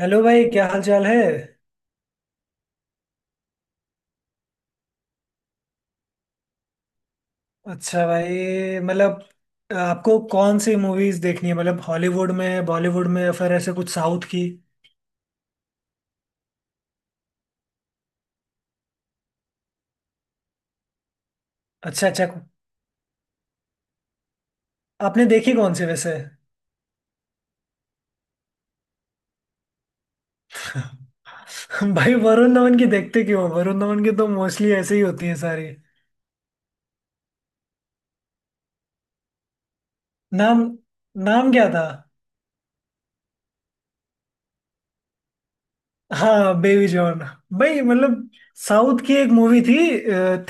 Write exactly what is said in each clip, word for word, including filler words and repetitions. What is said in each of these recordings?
Hello भाई, क्या हाल चाल है। अच्छा भाई, मतलब आपको कौन सी मूवीज देखनी है? मतलब हॉलीवुड में, बॉलीवुड में, या फिर ऐसे कुछ साउथ की। अच्छा अच्छा। आपने देखी कौन सी वैसे? भाई वरुण धवन की देखते क्यों? वरुण धवन की तो मोस्टली ऐसे ही होती है सारी। नाम? नाम क्या था? हाँ बेबी जॉन। भाई मतलब साउथ की एक मूवी थी,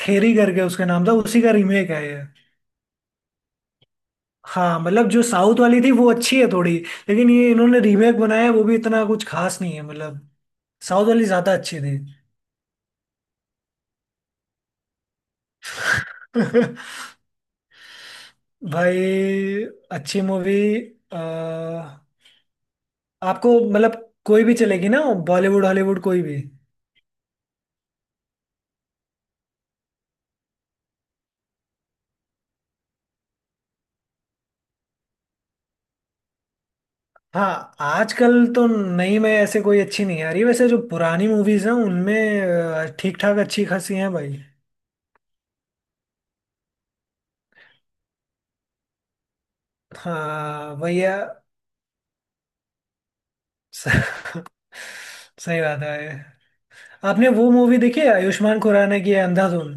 थेरी करके उसका नाम था। उसी का रीमेक है ये। हाँ मतलब जो साउथ वाली थी वो अच्छी है थोड़ी। लेकिन ये इन्होंने रीमेक बनाया है, वो भी इतना कुछ खास नहीं है मतलब। साउथ वाली ज्यादा अच्छी थी। भाई, अच्छी मूवी, आपको, मतलब कोई भी चलेगी ना, बॉलीवुड हॉलीवुड कोई भी। हाँ आजकल तो नहीं में ऐसे कोई अच्छी नहीं आ रही, वैसे जो पुरानी मूवीज हैं उनमें ठीक ठाक अच्छी खासी हैं भाई। हाँ भैया। सही बात है। आपने वो मूवी देखी है आयुष्मान खुराना की है, अंधाधुन?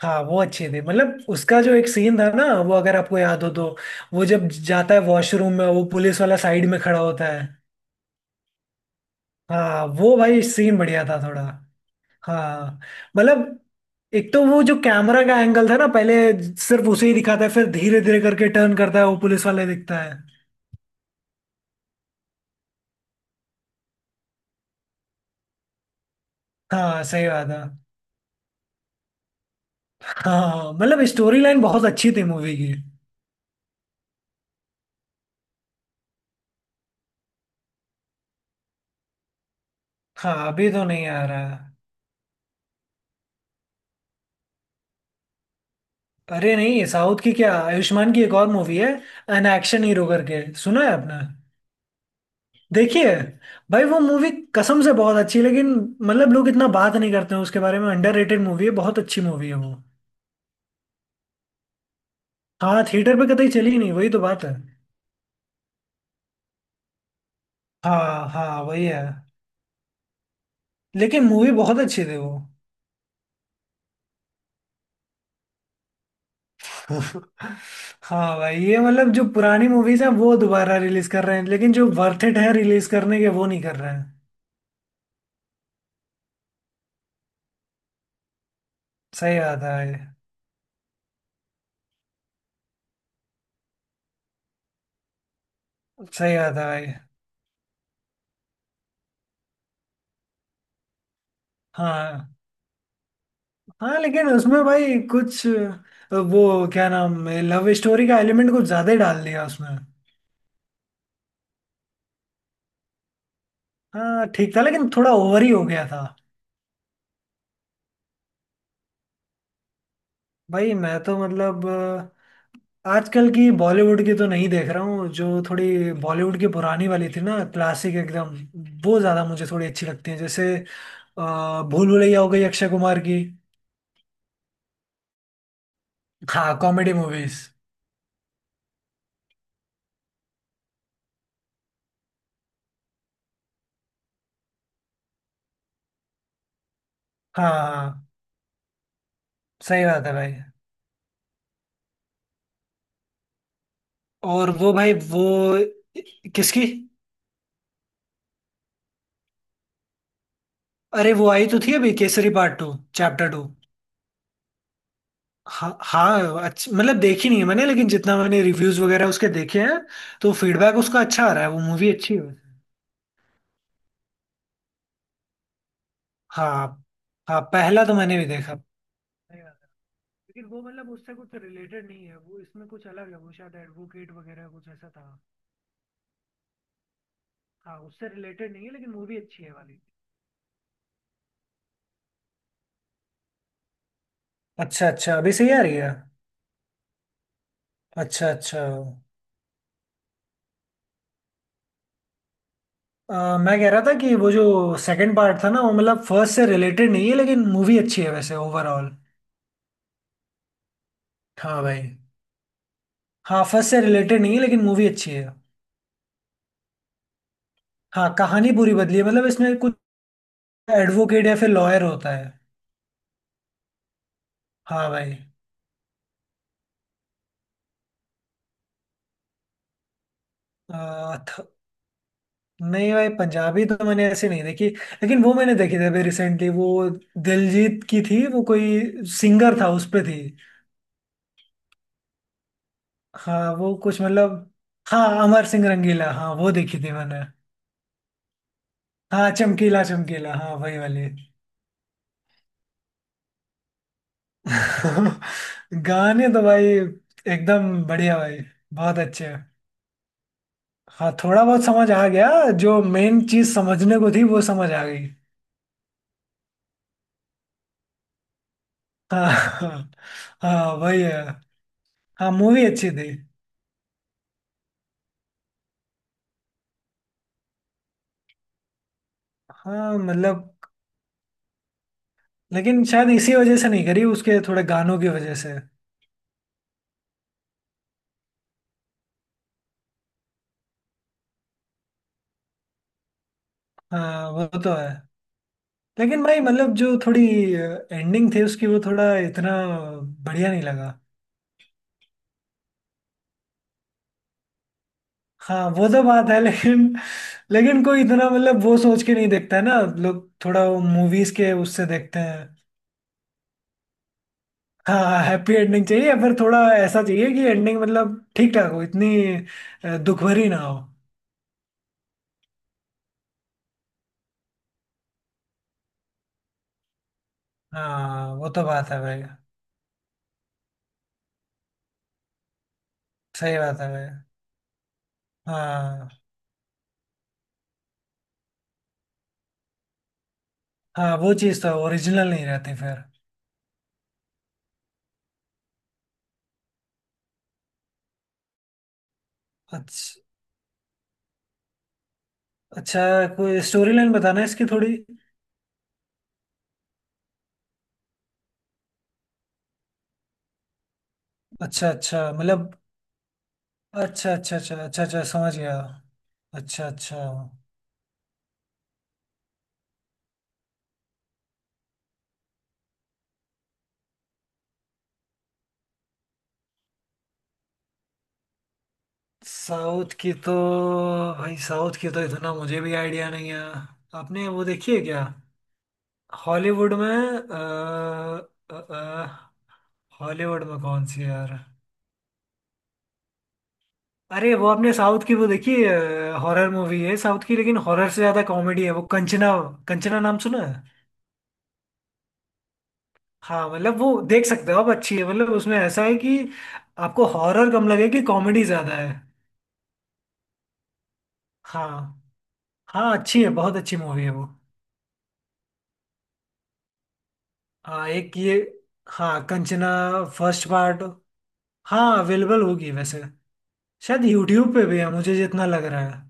हाँ वो अच्छी थी। मतलब उसका जो एक सीन था ना वो अगर आपको याद हो तो, वो जब जाता है वॉशरूम में, वो पुलिस वाला साइड में खड़ा होता है। हाँ वो भाई सीन बढ़िया था थोड़ा। हाँ मतलब एक तो वो जो कैमरा का एंगल था ना, पहले सिर्फ उसे ही दिखाता है, फिर धीरे धीरे करके टर्न करता है, वो पुलिस वाले दिखता है। हाँ सही बात है। हाँ मतलब स्टोरी लाइन बहुत अच्छी थी मूवी की। हाँ अभी तो नहीं आ रहा है। अरे नहीं साउथ की क्या, आयुष्मान की एक और मूवी है, एन एक्शन हीरो करके, सुना है आपने? देखिए भाई वो मूवी कसम से बहुत अच्छी है, लेकिन मतलब लोग इतना बात नहीं करते हैं उसके बारे में। अंडररेटेड मूवी है, बहुत अच्छी मूवी है वो। हाँ थिएटर पे कतई चली ही नहीं, वही तो बात है। हाँ हाँ वही है। लेकिन मूवी बहुत अच्छी थी वो। हाँ भाई ये मतलब जो पुरानी मूवीज हैं वो दोबारा रिलीज कर रहे हैं, लेकिन जो वर्थ इट है रिलीज करने के, वो नहीं कर रहे हैं। सही बात है भाई। सही बात है भाई। हाँ हाँ लेकिन उसमें भाई कुछ अ, वो क्या नाम है, लव स्टोरी का एलिमेंट कुछ ज्यादा ही डाल दिया उसमें। हाँ ठीक था लेकिन थोड़ा ओवर ही हो गया था। भाई मैं तो मतलब अ, आजकल की बॉलीवुड की तो नहीं देख रहा हूँ, जो थोड़ी बॉलीवुड की पुरानी वाली थी ना, क्लासिक एकदम, वो ज्यादा मुझे थोड़ी अच्छी लगती है, जैसे अ, भूल भुलैया हो गई अक्षय कुमार की। हाँ कॉमेडी मूवीज। हाँ हाँ सही बात है भाई। और वो भाई वो, किसकी? अरे वो आई तो थी अभी, Kesari part two, chapter two. हाँ हाँ। अच्छा मतलब देखी नहीं है मैंने, लेकिन जितना मैंने रिव्यूज वगैरह उसके देखे हैं, तो फीडबैक उसका अच्छा आ रहा है, वो मूवी अच्छी है वैसे। हाँ हाँ पहला तो मैंने भी देखा। सही बात है। लेकिन वो मतलब उससे कुछ रिलेटेड नहीं है, वो इसमें कुछ अलग है, वो शायद एडवोकेट वगैरह कुछ ऐसा था। हाँ उससे रिलेटेड नहीं है लेकिन मूवी अच्छी है वाली। अच्छा अच्छा अभी सही आ रही है। अच्छा अच्छा। अ, मैं कह रहा था कि वो जो सेकंड पार्ट था ना, वो मतलब फर्स्ट से रिलेटेड नहीं है, लेकिन मूवी अच्छी है वैसे ओवरऑल। हाँ भाई। हाफज से रिलेटेड नहीं है लेकिन मूवी अच्छी है। हाँ कहानी पूरी बदली है, मतलब इसमें कुछ एडवोकेट या फिर लॉयर होता है। हाँ भाई। आ, थ, नहीं भाई पंजाबी तो मैंने ऐसे नहीं देखी। लेकिन वो मैंने देखी थी अभी रिसेंटली, वो दिलजीत की थी, वो कोई सिंगर था उस पे थी। हाँ वो कुछ मतलब, हाँ अमर सिंह रंगीला, हाँ वो देखी थी मैंने। हाँ चमकीला चमकीला, हाँ वही वाली। गाने तो भाई एकदम बढ़िया भाई, बहुत अच्छे। हाँ थोड़ा बहुत समझ आ गया, जो मेन चीज समझने को थी वो समझ आ गई। हाँ हाँ। हाँ वही है। हाँ मूवी अच्छी थी। हाँ मतलब लेकिन शायद इसी वजह से नहीं करी, उसके थोड़े गानों की वजह से। हाँ वो तो है। लेकिन भाई मतलब जो थोड़ी एंडिंग थी उसकी, वो थोड़ा इतना बढ़िया नहीं लगा। हाँ वो तो बात है लेकिन, लेकिन कोई इतना मतलब वो सोच के नहीं देखता है ना लोग, थोड़ा वो मूवीज के उससे देखते हैं। हाँ हैप्पी एंडिंग चाहिए, या फिर थोड़ा ऐसा चाहिए कि एंडिंग मतलब ठीक ठाक हो इतनी, अ, दुख भरी ना हो। हाँ वो तो बात है भाई। सही बात है भाई। हाँ हाँ वो चीज़ तो ओरिजिनल नहीं रहती फिर। अच्छा अच्छा। कोई स्टोरी लाइन बताना है इसकी थोड़ी? अच्छा अच्छा मतलब। अच्छा अच्छा अच्छा अच्छा अच्छा समझ गया। अच्छा अच्छा। साउथ की तो भाई, साउथ की तो इतना मुझे भी आइडिया नहीं है। आपने वो देखी है क्या? हॉलीवुड में अ, अ, अ, हॉलीवुड में कौन सी है यार? अरे वो आपने साउथ की वो देखी, हॉरर मूवी है साउथ की, लेकिन हॉरर से ज्यादा कॉमेडी है वो, कंचना। कंचना नाम सुना है? हाँ मतलब वो देख सकते हो आप, अच्छी है। मतलब उसमें ऐसा है कि आपको हॉरर कम लगे कि कॉमेडी ज्यादा है। हाँ हाँ अच्छी है, बहुत अच्छी मूवी है वो। हाँ एक ये, हाँ कंचना, फर्स्ट पार्ट, हाँ अवेलेबल होगी वैसे। शायद यूट्यूब पे भी है मुझे जितना लग रहा है।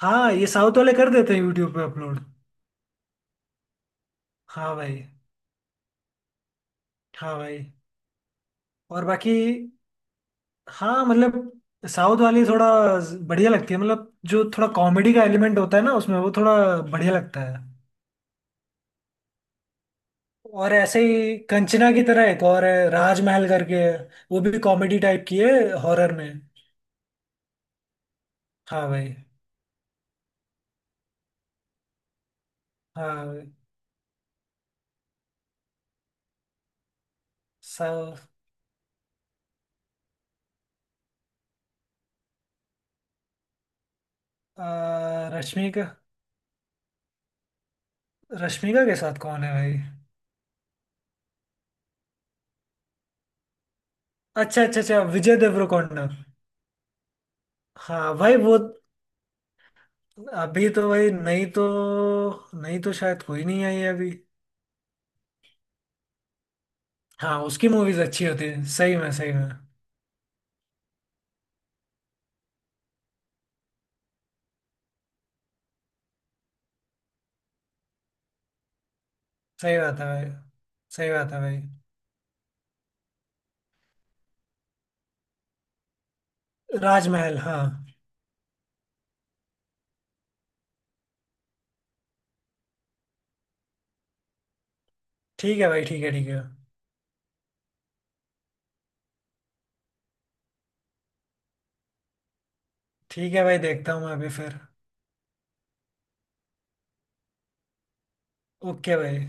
हाँ ये साउथ वाले कर देते हैं यूट्यूब पे अपलोड। हाँ भाई। हाँ भाई। और बाकी, हाँ मतलब साउथ वाली थोड़ा बढ़िया लगती है, मतलब जो थोड़ा कॉमेडी का एलिमेंट होता है ना उसमें, वो थोड़ा बढ़िया लगता है। और ऐसे ही कंचना की तरह एक और है, राजमहल करके है, वो भी कॉमेडी टाइप की है, हॉरर में। हाँ भाई। हाँ भाई। साउथ। आ, रश्मिका, रश्मिका के साथ कौन है भाई? अच्छा अच्छा अच्छा, विजय देवरकोंडा। हाँ भाई वो, अभी तो भाई नहीं तो, नहीं तो शायद कोई नहीं आई है अभी। हाँ उसकी मूवीज अच्छी होती है सही में सही में। सही बात है भाई। सही बात है भाई। राजमहल हाँ। ठीक है भाई, ठीक है ठीक है। ठीक है भाई देखता हूँ मैं अभी फिर। ओके भाई।